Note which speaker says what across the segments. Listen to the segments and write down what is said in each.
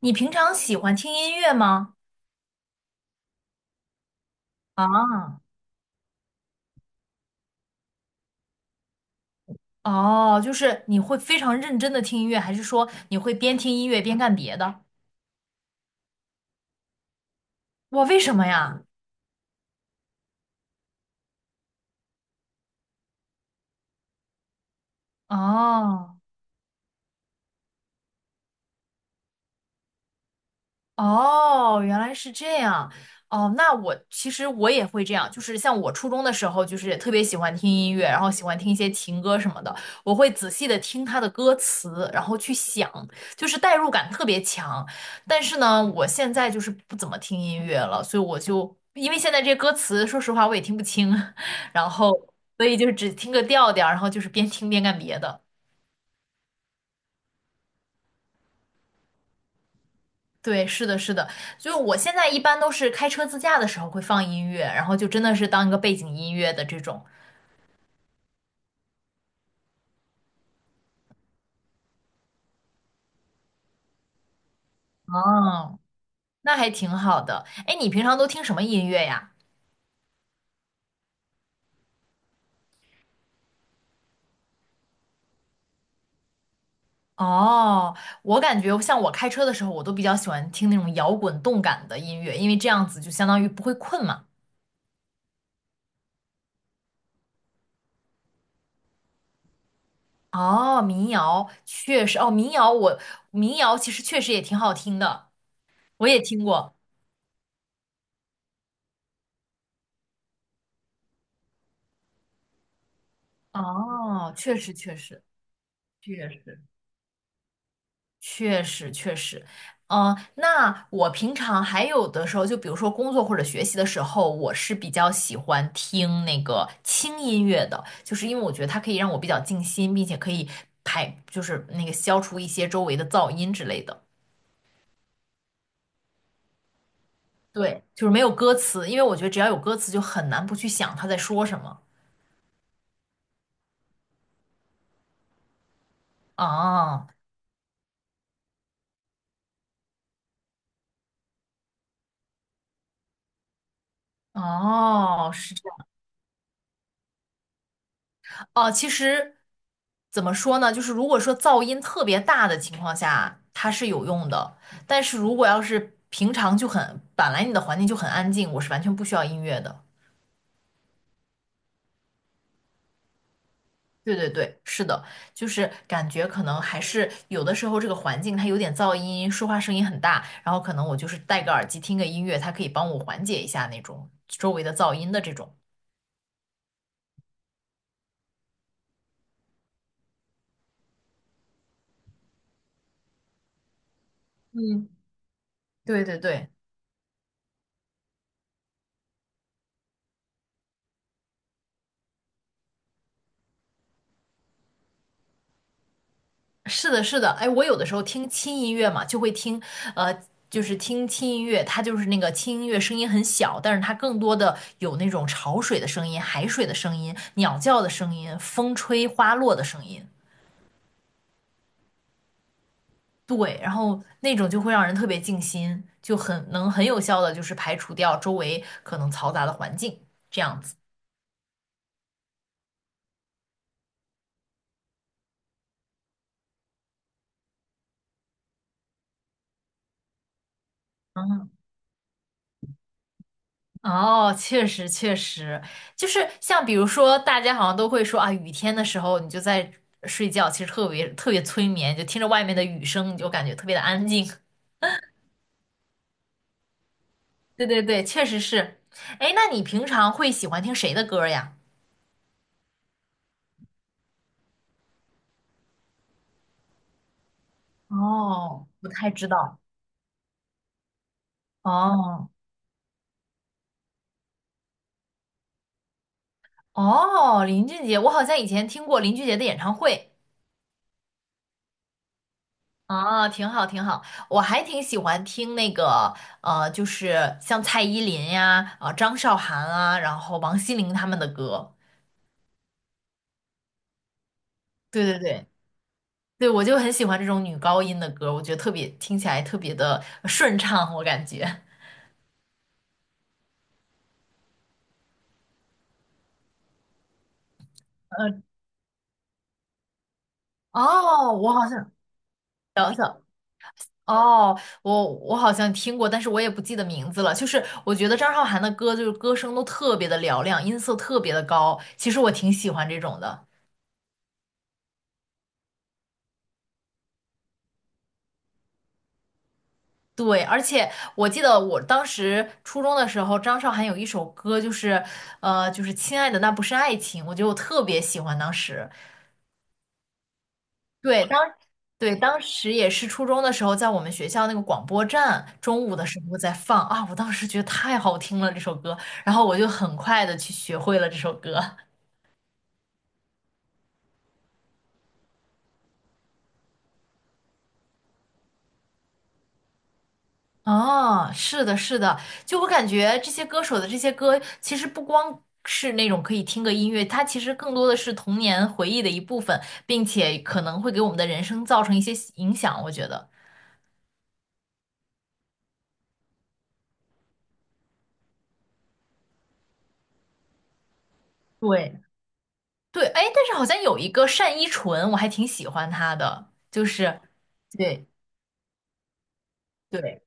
Speaker 1: 你平常喜欢听音乐吗？啊，哦，就是你会非常认真的听音乐，还是说你会边听音乐边干别的？我为什么呀？哦。哦，原来是这样。哦，那我其实也会这样，就是像我初中的时候，就是也特别喜欢听音乐，然后喜欢听一些情歌什么的，我会仔细的听他的歌词，然后去想，就是代入感特别强。但是呢，我现在就是不怎么听音乐了，所以我就因为现在这些歌词，说实话我也听不清，然后所以就是只听个调调，然后就是边听边干别的。对，是的，是的，就我现在一般都是开车自驾的时候会放音乐，然后就真的是当一个背景音乐的这种。哦，那还挺好的。哎，你平常都听什么音乐呀？哦，我感觉像我开车的时候，我都比较喜欢听那种摇滚动感的音乐，因为这样子就相当于不会困嘛。哦，民谣确实，哦，民谣其实确实也挺好听的，我也听过。哦，确实确实确实。确实确实，那我平常还有的时候，就比如说工作或者学习的时候，我是比较喜欢听那个轻音乐的，就是因为我觉得它可以让我比较静心，并且可以排，就是那个消除一些周围的噪音之类的。对，就是没有歌词，因为我觉得只要有歌词，就很难不去想他在说什么。哦哦，是哦，其实怎么说呢？就是如果说噪音特别大的情况下，它是有用的。但是如果要是平常就很，本来你的环境就很安静，我是完全不需要音乐的。对对对，是的，就是感觉可能还是有的时候这个环境它有点噪音，说话声音很大，然后可能我就是戴个耳机听个音乐，它可以帮我缓解一下那种周围的噪音的这种。对对对。是的，是的，哎，我有的时候听轻音乐嘛，就会听，呃，就是听轻音乐，它就是那个轻音乐声音很小，但是它更多的有那种潮水的声音、海水的声音、鸟叫的声音、风吹花落的声音，对，然后那种就会让人特别静心，就很能很有效的就是排除掉周围可能嘈杂的环境，这样子。嗯哦，确实确实，就是像比如说，大家好像都会说啊，雨天的时候你就在睡觉，其实特别特别催眠，就听着外面的雨声，你就感觉特别的安静。对对对，确实是。哎，那你平常会喜欢听谁的歌呀？哦，不太知道。哦哦，林俊杰，我好像以前听过林俊杰的演唱会。啊，挺好，挺好，我还挺喜欢听那个，就是像蔡依林呀、啊、张韶涵啊，然后王心凌他们的歌。对对对，对，我就很喜欢这种女高音的歌，我觉得特别听起来特别的顺畅，我感觉。哦，我好像等等，哦，我好像听过，但是我也不记得名字了。就是我觉得张韶涵的歌，就是歌声都特别的嘹亮，音色特别的高，其实我挺喜欢这种的。对，而且我记得我当时初中的时候，张韶涵有一首歌，就是就是《亲爱的那不是爱情》，我觉得我特别喜欢。当时，对，当时也是初中的时候，在我们学校那个广播站，中午的时候在放啊，我当时觉得太好听了这首歌，然后我就很快的去学会了这首歌。哦，是的，是的，就我感觉这些歌手的这些歌，其实不光是那种可以听个音乐，它其实更多的是童年回忆的一部分，并且可能会给我们的人生造成一些影响，我觉得。对，对，哎，但是好像有一个单依纯，我还挺喜欢她的，就是，对对，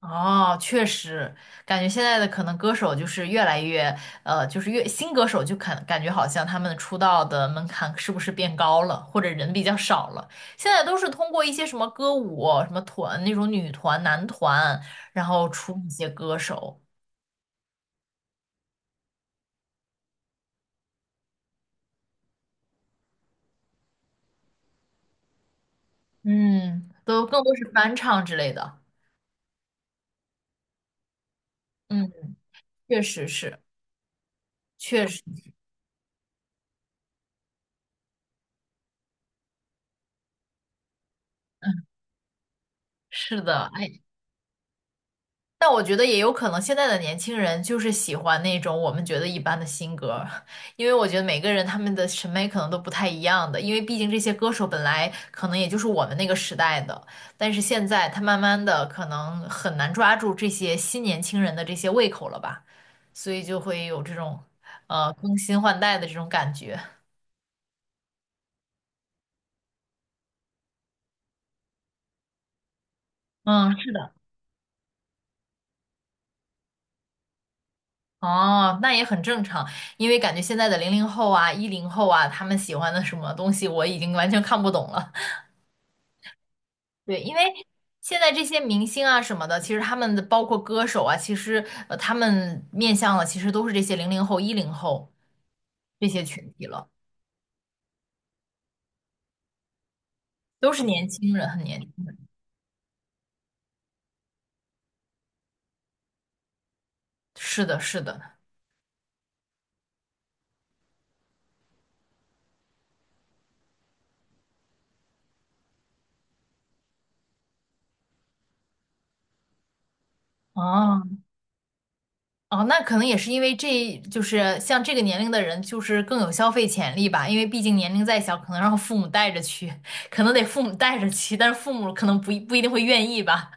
Speaker 1: 哦，确实，感觉现在的可能歌手就是越来越，就是越新歌手就感觉好像他们出道的门槛是不是变高了，或者人比较少了？现在都是通过一些什么歌舞、什么团那种女团、男团，然后出一些歌手，嗯，都更多是翻唱之类的，嗯，确实是，确实，嗯，是的，哎。但我觉得也有可能，现在的年轻人就是喜欢那种我们觉得一般的新歌，因为我觉得每个人他们的审美可能都不太一样的，因为毕竟这些歌手本来可能也就是我们那个时代的，但是现在他慢慢的可能很难抓住这些新年轻人的这些胃口了吧，所以就会有这种更新换代的这种感觉。嗯，是的。哦，那也很正常，因为感觉现在的零零后啊、一零后啊，他们喜欢的什么东西我已经完全看不懂了。对，因为现在这些明星啊什么的，其实他们的包括歌手啊，其实他们面向的其实都是这些零零后、一零后这些群体了，都是年轻人，很年轻。是的，是的。哦哦，那可能也是因为这就是像这个年龄的人，就是更有消费潜力吧，因为毕竟年龄再小，可能让父母带着去，可能得父母带着去，但是父母可能不一定会愿意吧。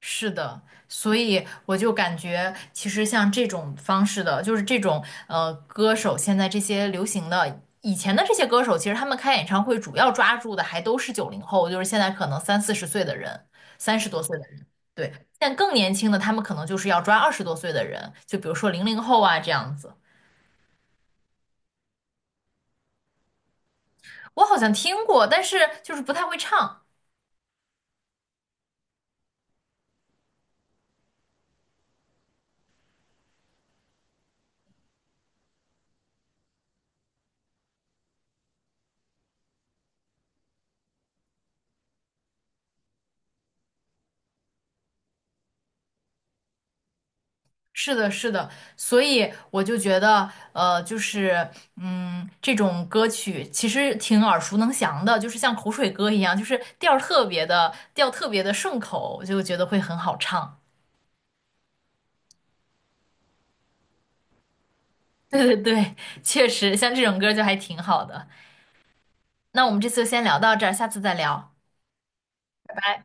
Speaker 1: 是的，所以我就感觉，其实像这种方式的，就是这种歌手，现在这些流行的，以前的这些歌手，其实他们开演唱会主要抓住的还都是九零后，就是现在可能三四十岁的人，三十多岁的人，对，但更年轻的他们可能就是要抓二十多岁的人，就比如说零零后啊这样子。我好像听过，但是就是不太会唱。是的，是的，所以我就觉得，就是，这种歌曲其实挺耳熟能详的，就是像口水歌一样，就是调儿特别的，调特别的顺口，我就觉得会很好唱。对对对，确实，像这种歌就还挺好的。那我们这次就先聊到这儿，下次再聊，拜拜。